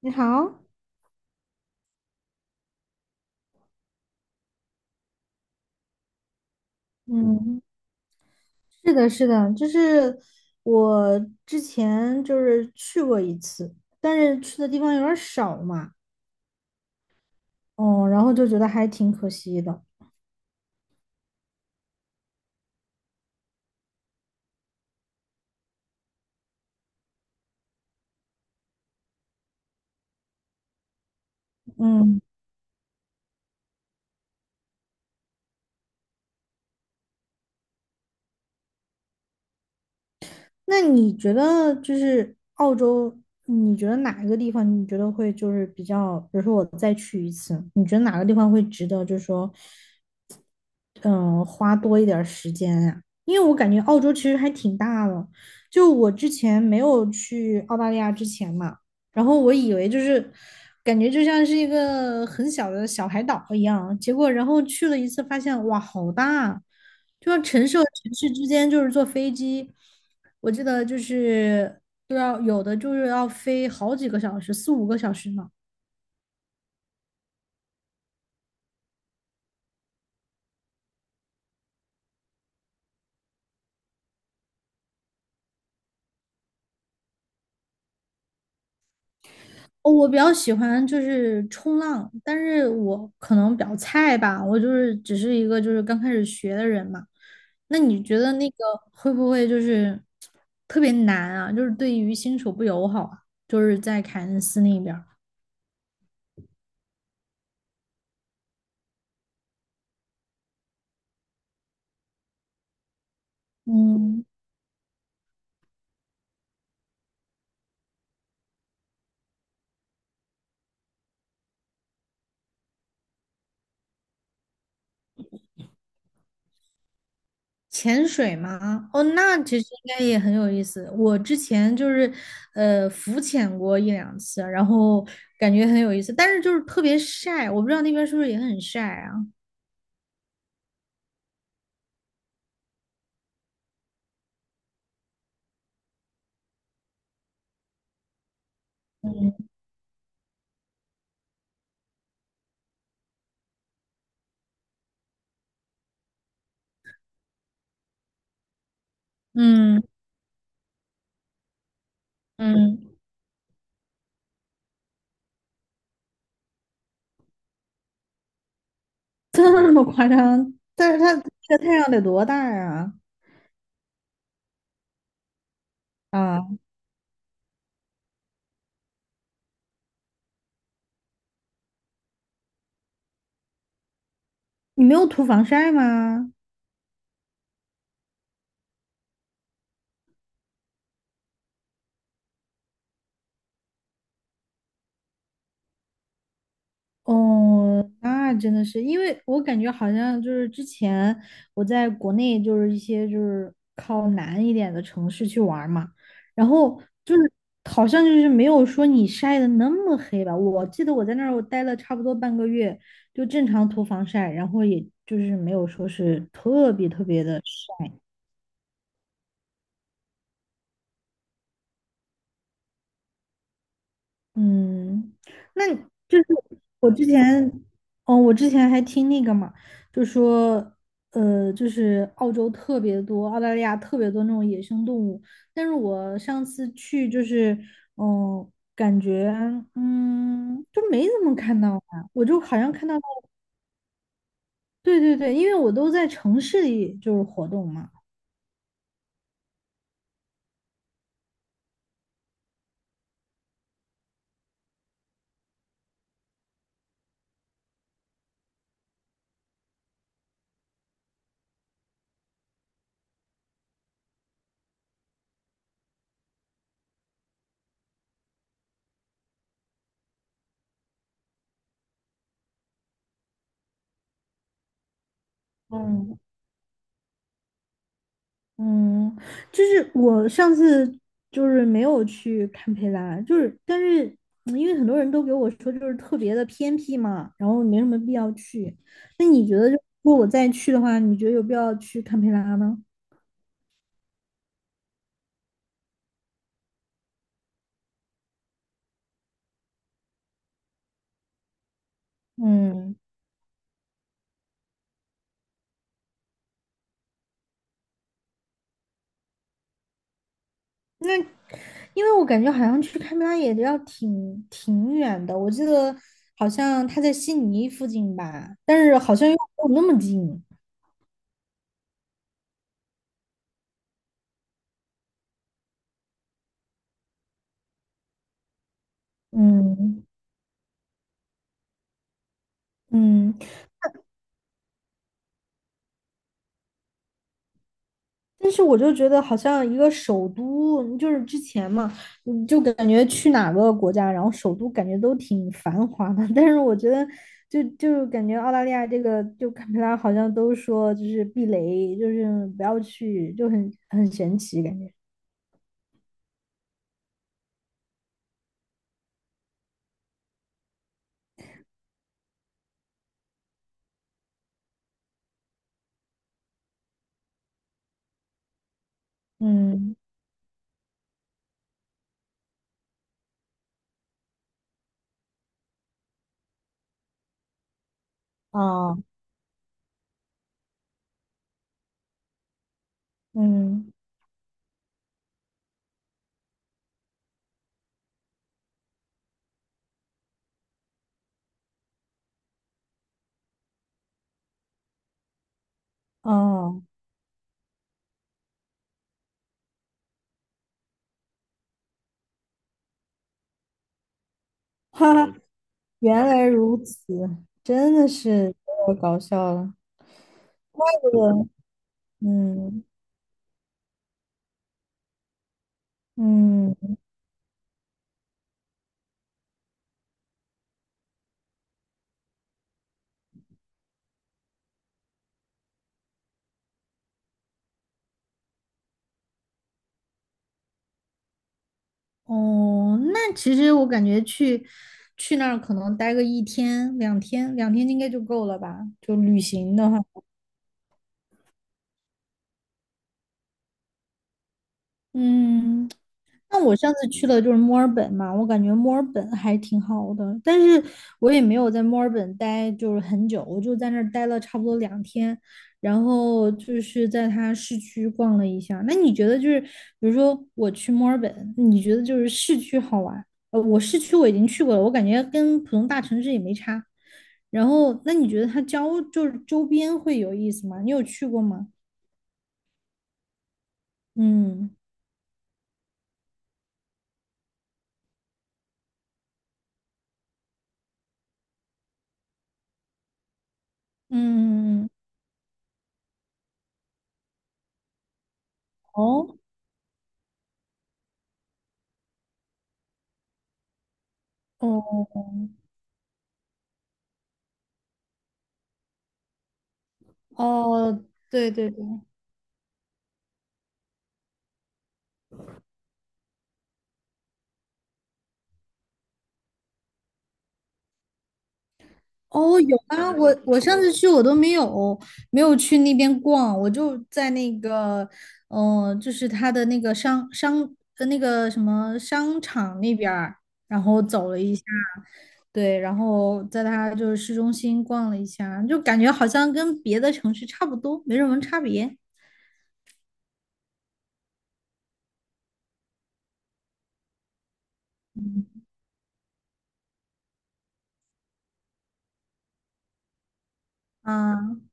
你好。嗯，是的，是的，就是我之前就是去过一次，但是去的地方有点儿少嘛。哦，然后就觉得还挺可惜的。嗯，那你觉得就是澳洲，你觉得哪一个地方你觉得会就是比较，比如说我再去一次，你觉得哪个地方会值得，就是说，花多一点儿时间呀、因为我感觉澳洲其实还挺大的。就我之前没有去澳大利亚之前嘛，然后我以为就是感觉就像是一个很小的小海岛一样，结果然后去了一次，发现哇，好大啊！就像城市和城市之间，就是坐飞机，我记得就是都要有的就是要飞好几个小时，四五个小时呢。哦，我比较喜欢就是冲浪，但是我可能比较菜吧，我就是只是一个就是刚开始学的人嘛。那你觉得那个会不会就是特别难啊？就是对于新手不友好啊？就是在凯恩斯那边儿。嗯。潜水吗？哦，那其实应该也很有意思。我之前就是浮潜过一两次，然后感觉很有意思，但是就是特别晒，我不知道那边是不是也很晒啊？嗯嗯。嗯 这么夸张？但是它这太阳得多大呀？啊，你没有涂防晒吗？哦，那真的是，因为我感觉好像就是之前我在国内就是一些就是靠南一点的城市去玩儿嘛，然后就是好像就是没有说你晒的那么黑吧。我记得我在那儿我待了差不多半个月，就正常涂防晒，然后也就是没有说是特别特别的晒。嗯，那就是我之前，哦，我之前还听那个嘛，就说，就是澳洲特别多，澳大利亚特别多那种野生动物。但是我上次去就是，感觉，就没怎么看到啊，我就好像看到，对对对，因为我都在城市里就是活动嘛。嗯，嗯，就是我上次就是没有去堪培拉，就是但是因为很多人都给我说就是特别的偏僻嘛，然后没什么必要去。那你觉得就如果我再去的话，你觉得有必要去堪培拉吗？嗯，那因为我感觉好像去堪培拉也要挺远的，我记得好像他在悉尼附近吧，但是好像又没有那么近。嗯嗯，但是我就觉得好像一个首都，就是之前嘛，就感觉去哪个国家，然后首都感觉都挺繁华的。但是我觉得就感觉澳大利亚这个，就堪培拉好像都说就是避雷，就是不要去，就很神奇感觉。嗯，啊，嗯，啊，哈哈，嗯，原来如此，真的是太搞笑了。这个，嗯嗯。嗯哦，那其实我感觉去那儿可能待个1天、两天，两天应该就够了吧？就旅行的话。嗯，那我上次去了就是墨尔本嘛，我感觉墨尔本还挺好的，但是我也没有在墨尔本待就是很久，我就在那儿待了差不多两天，然后就是在它市区逛了一下。那你觉得就是，比如说我去墨尔本，你觉得就是市区好玩？我市区我已经去过了，我感觉跟普通大城市也没差。然后，那你觉得它郊就是周边会有意思吗？你有去过吗？嗯嗯，哦。哦哦，对对对，哦有啊，我上次去我都没有去那边逛，我就在那个，就是他的那个商商呃那个什么商场那边儿然后走了一下，对，然后在他就是市中心逛了一下，就感觉好像跟别的城市差不多，没什么差别啊。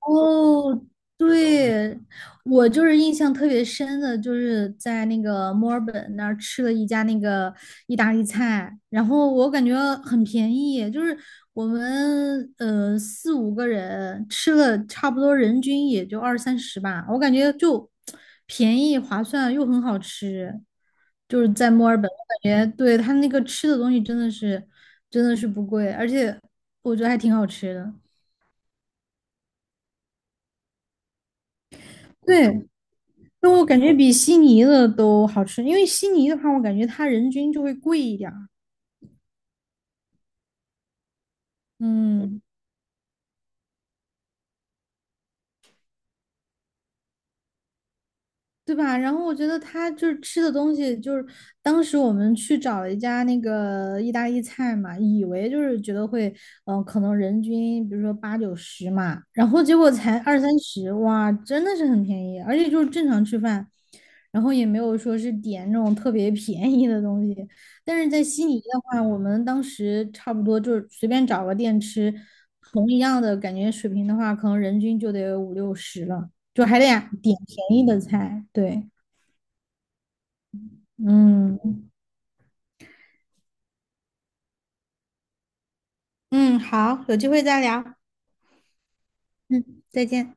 哦，对，我就是印象特别深的，就是在那个墨尔本那儿吃了一家那个意大利菜，然后我感觉很便宜，就是我们四五个人吃了差不多人均也就二三十吧，我感觉就便宜划算又很好吃，就是在墨尔本，我感觉对他那个吃的东西真的是不贵，而且我觉得还挺好吃的，对。那我感觉比悉尼的都好吃，因为悉尼的话，我感觉它人均就会贵一点儿。嗯，对吧？然后我觉得他就是吃的东西，就是当时我们去找了一家那个意大利菜嘛，以为就是觉得会，可能人均比如说八九十嘛，然后结果才二三十，哇，真的是很便宜，而且就是正常吃饭，然后也没有说是点那种特别便宜的东西。但是在悉尼的话，我们当时差不多就是随便找个店吃，同一样的感觉水平的话，可能人均就得五六十了。就还得呀点便宜的菜。对，嗯嗯，好，有机会再聊，再见。